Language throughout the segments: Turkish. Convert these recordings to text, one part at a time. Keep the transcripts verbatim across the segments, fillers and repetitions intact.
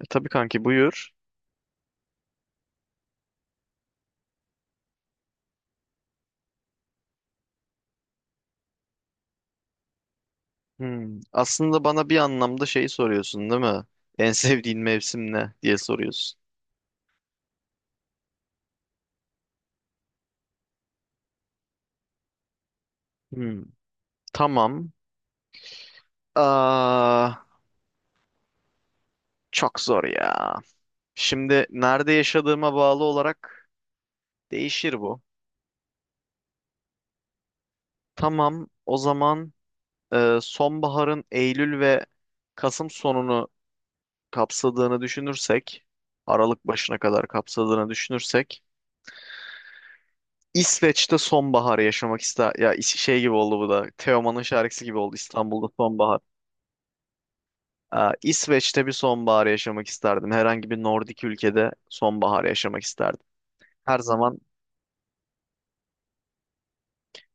E, tabii kanki buyur. Hmm. Aslında bana bir anlamda şeyi soruyorsun değil mi? En sevdiğin mevsim ne diye soruyorsun. Hmm. Tamam. Aa, çok zor ya. Şimdi nerede yaşadığıma bağlı olarak değişir bu. Tamam. O zaman e, sonbaharın Eylül ve Kasım sonunu kapsadığını düşünürsek, Aralık başına kadar kapsadığını düşünürsek İsveç'te sonbaharı yaşamak ister. Ya is- şey gibi oldu bu da. Teoman'ın şarkısı gibi oldu. İstanbul'da sonbahar. Ee, İsveç'te bir sonbahar yaşamak isterdim. Herhangi bir Nordik ülkede sonbahar yaşamak isterdim. Her zaman.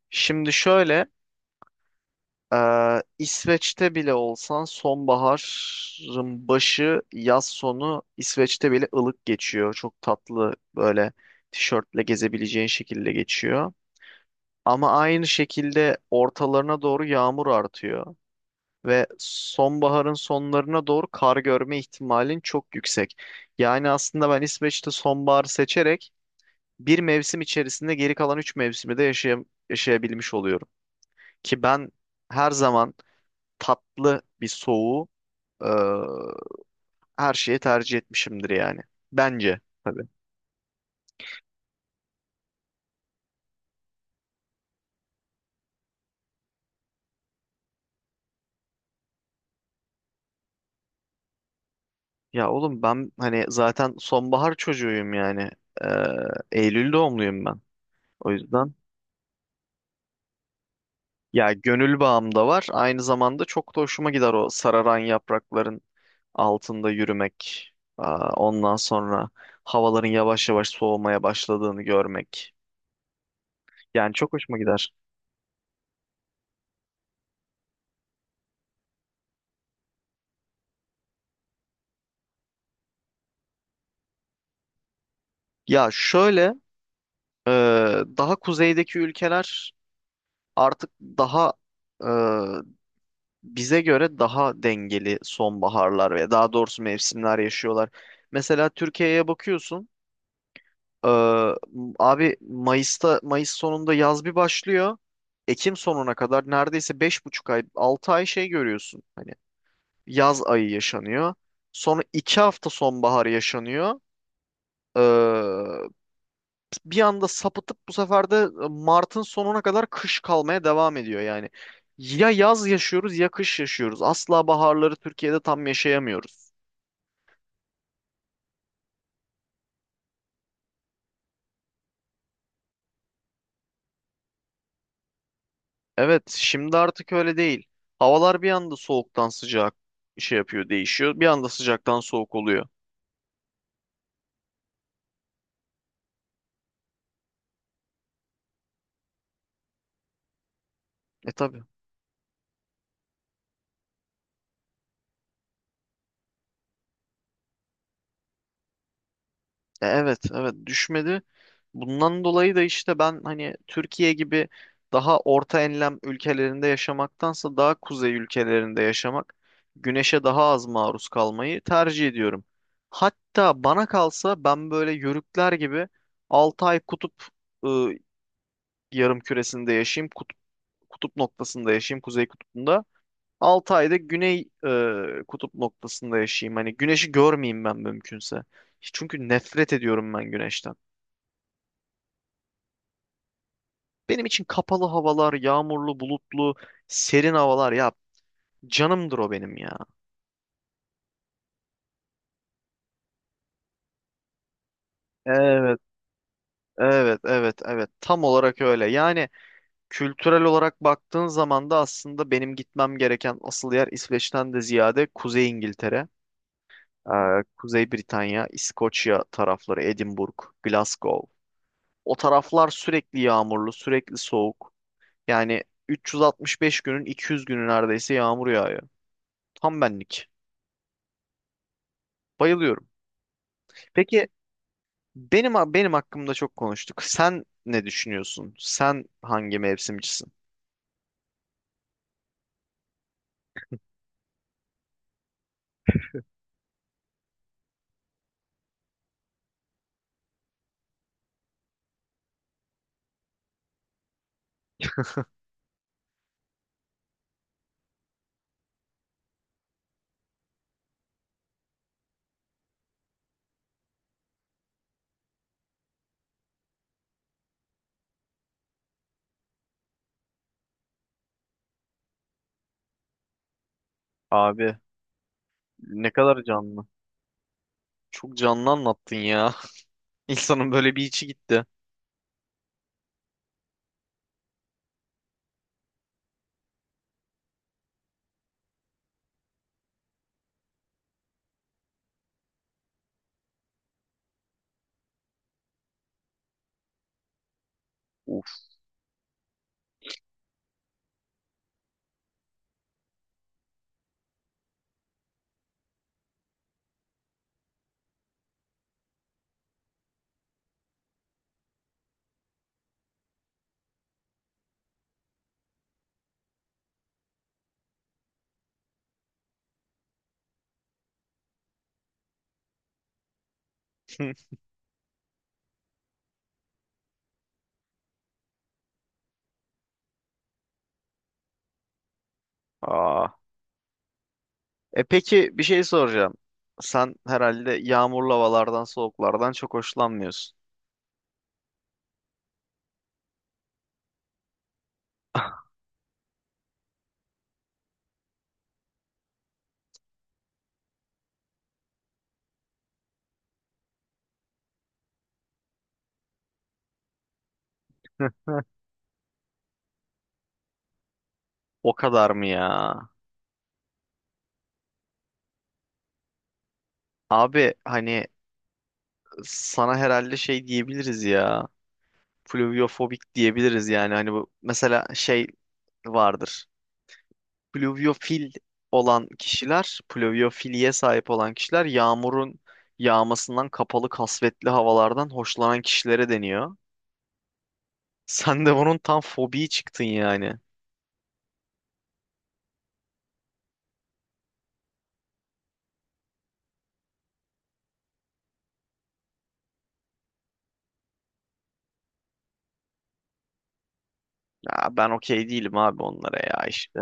Şimdi şöyle, e, İsveç'te bile olsan sonbaharın başı, yaz sonu İsveç'te bile ılık geçiyor. Çok tatlı böyle tişörtle gezebileceğin şekilde geçiyor. Ama aynı şekilde ortalarına doğru yağmur artıyor ve sonbaharın sonlarına doğru kar görme ihtimalin çok yüksek. Yani aslında ben İsveç'te sonbaharı seçerek bir mevsim içerisinde geri kalan üç mevsimi de yaşayam- yaşayabilmiş oluyorum. Ki ben her zaman tatlı bir soğuğu e, her şeye tercih etmişimdir yani. Bence tabii. Ya oğlum ben hani zaten sonbahar çocuğuyum yani. E, Eylül doğumluyum ben. O yüzden. Ya gönül bağım da var. Aynı zamanda çok da hoşuma gider o sararan yaprakların altında yürümek. Aa, ondan sonra havaların yavaş yavaş soğumaya başladığını görmek. Yani çok hoşuma gider. Ya şöyle e, daha kuzeydeki ülkeler artık daha e, bize göre daha dengeli sonbaharlar ve daha doğrusu mevsimler yaşıyorlar. Mesela Türkiye'ye bakıyorsun. Ee, abi Mayıs'ta Mayıs sonunda yaz bir başlıyor. Ekim sonuna kadar neredeyse beş buçuk ay, altı ay şey görüyorsun. Hani yaz ayı yaşanıyor. Sonra iki hafta sonbahar yaşanıyor. Ee, bir anda sapıtıp bu sefer de Mart'ın sonuna kadar kış kalmaya devam ediyor yani. Ya yaz yaşıyoruz ya kış yaşıyoruz. Asla baharları Türkiye'de tam yaşayamıyoruz. Evet, şimdi artık öyle değil. Havalar bir anda soğuktan sıcak şey yapıyor, değişiyor. Bir anda sıcaktan soğuk oluyor. E tabii. E, evet, evet düşmedi. Bundan dolayı da işte ben hani Türkiye gibi daha orta enlem ülkelerinde yaşamaktansa daha kuzey ülkelerinde yaşamak, güneşe daha az maruz kalmayı tercih ediyorum. Hatta bana kalsa ben böyle yörükler gibi altı ay kutup ıı, yarım küresinde yaşayayım, kutup, kutup noktasında yaşayayım, kuzey kutbunda. altı ayda güney e, kutup noktasında yaşayayım. Hani güneşi görmeyeyim ben mümkünse. Çünkü nefret ediyorum ben güneşten. Benim için kapalı havalar, yağmurlu, bulutlu, serin havalar ya canımdır o benim ya. Evet, evet, evet, evet. Tam olarak öyle. Yani kültürel olarak baktığın zaman da aslında benim gitmem gereken asıl yer İsveç'ten de ziyade Kuzey İngiltere, e, Kuzey Britanya, İskoçya tarafları, Edinburgh, Glasgow. O taraflar sürekli yağmurlu, sürekli soğuk. Yani üç yüz altmış beş günün iki yüz günü neredeyse yağmur yağıyor. Tam benlik. Bayılıyorum. Peki benim benim hakkımda çok konuştuk. Sen ne düşünüyorsun? Sen hangi mevsimcisin? Abi ne kadar canlı. Çok canlı anlattın ya. İnsanın böyle bir içi gitti. Uf. Aa. E peki bir şey soracağım. Sen herhalde yağmurlu havalardan, soğuklardan çok hoşlanmıyorsun. O kadar mı ya? Abi hani sana herhalde şey diyebiliriz ya. Pluviofobik diyebiliriz yani. Hani bu mesela şey vardır. Pluviofil olan kişiler, pluviofiliye sahip olan kişiler yağmurun yağmasından kapalı kasvetli havalardan hoşlanan kişilere deniyor. Sen de bunun tam fobiyi çıktın yani. Ya ben okey değilim abi onlara ya işte.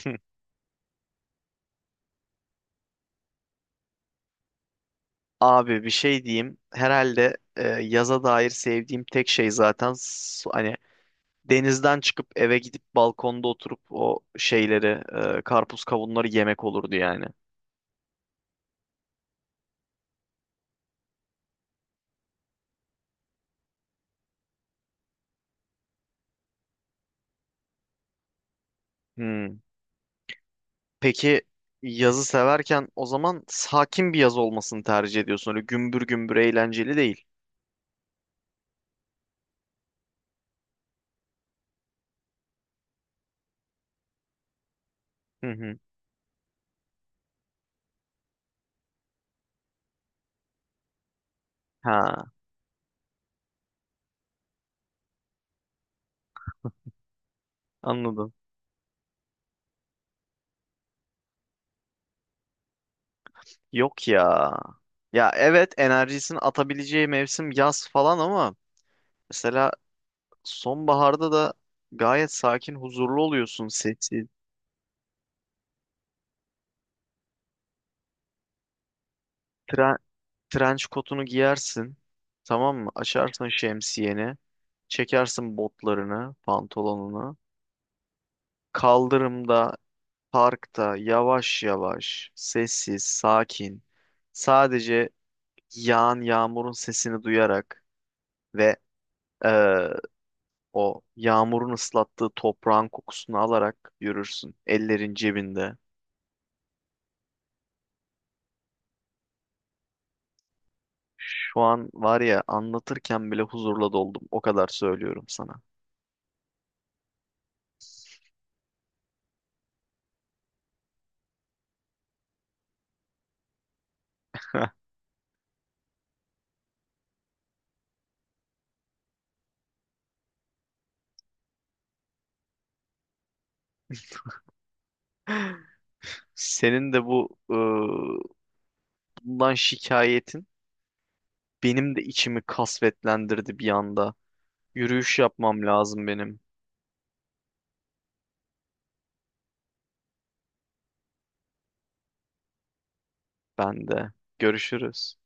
Abi bir şey diyeyim. Herhalde e, yaza dair sevdiğim tek şey zaten s- hani Denizden çıkıp eve gidip balkonda oturup o şeyleri, e, karpuz kavunları yemek olurdu yani. Hmm. Peki yazı severken o zaman sakin bir yaz olmasını tercih ediyorsun. Öyle gümbür gümbür eğlenceli değil. Hı hı. Ha, anladım. Yok ya. Ya evet enerjisini atabileceği mevsim yaz falan ama mesela sonbaharda da gayet sakin, huzurlu oluyorsun. Sessiz. Tren- trench kotunu giyersin. Tamam mı? Açarsın şemsiyeni. Çekersin botlarını, pantolonunu. Kaldırımda, parkta yavaş yavaş, sessiz, sakin. Sadece yağan yağmurun sesini duyarak ve eee, o yağmurun ıslattığı toprağın kokusunu alarak yürürsün. Ellerin cebinde. Şu an var ya anlatırken bile huzurla doldum. O kadar söylüyorum sana. Senin de bu Bundan şikayetin benim de içimi kasvetlendirdi bir anda. Yürüyüş yapmam lazım benim. Ben de. Görüşürüz.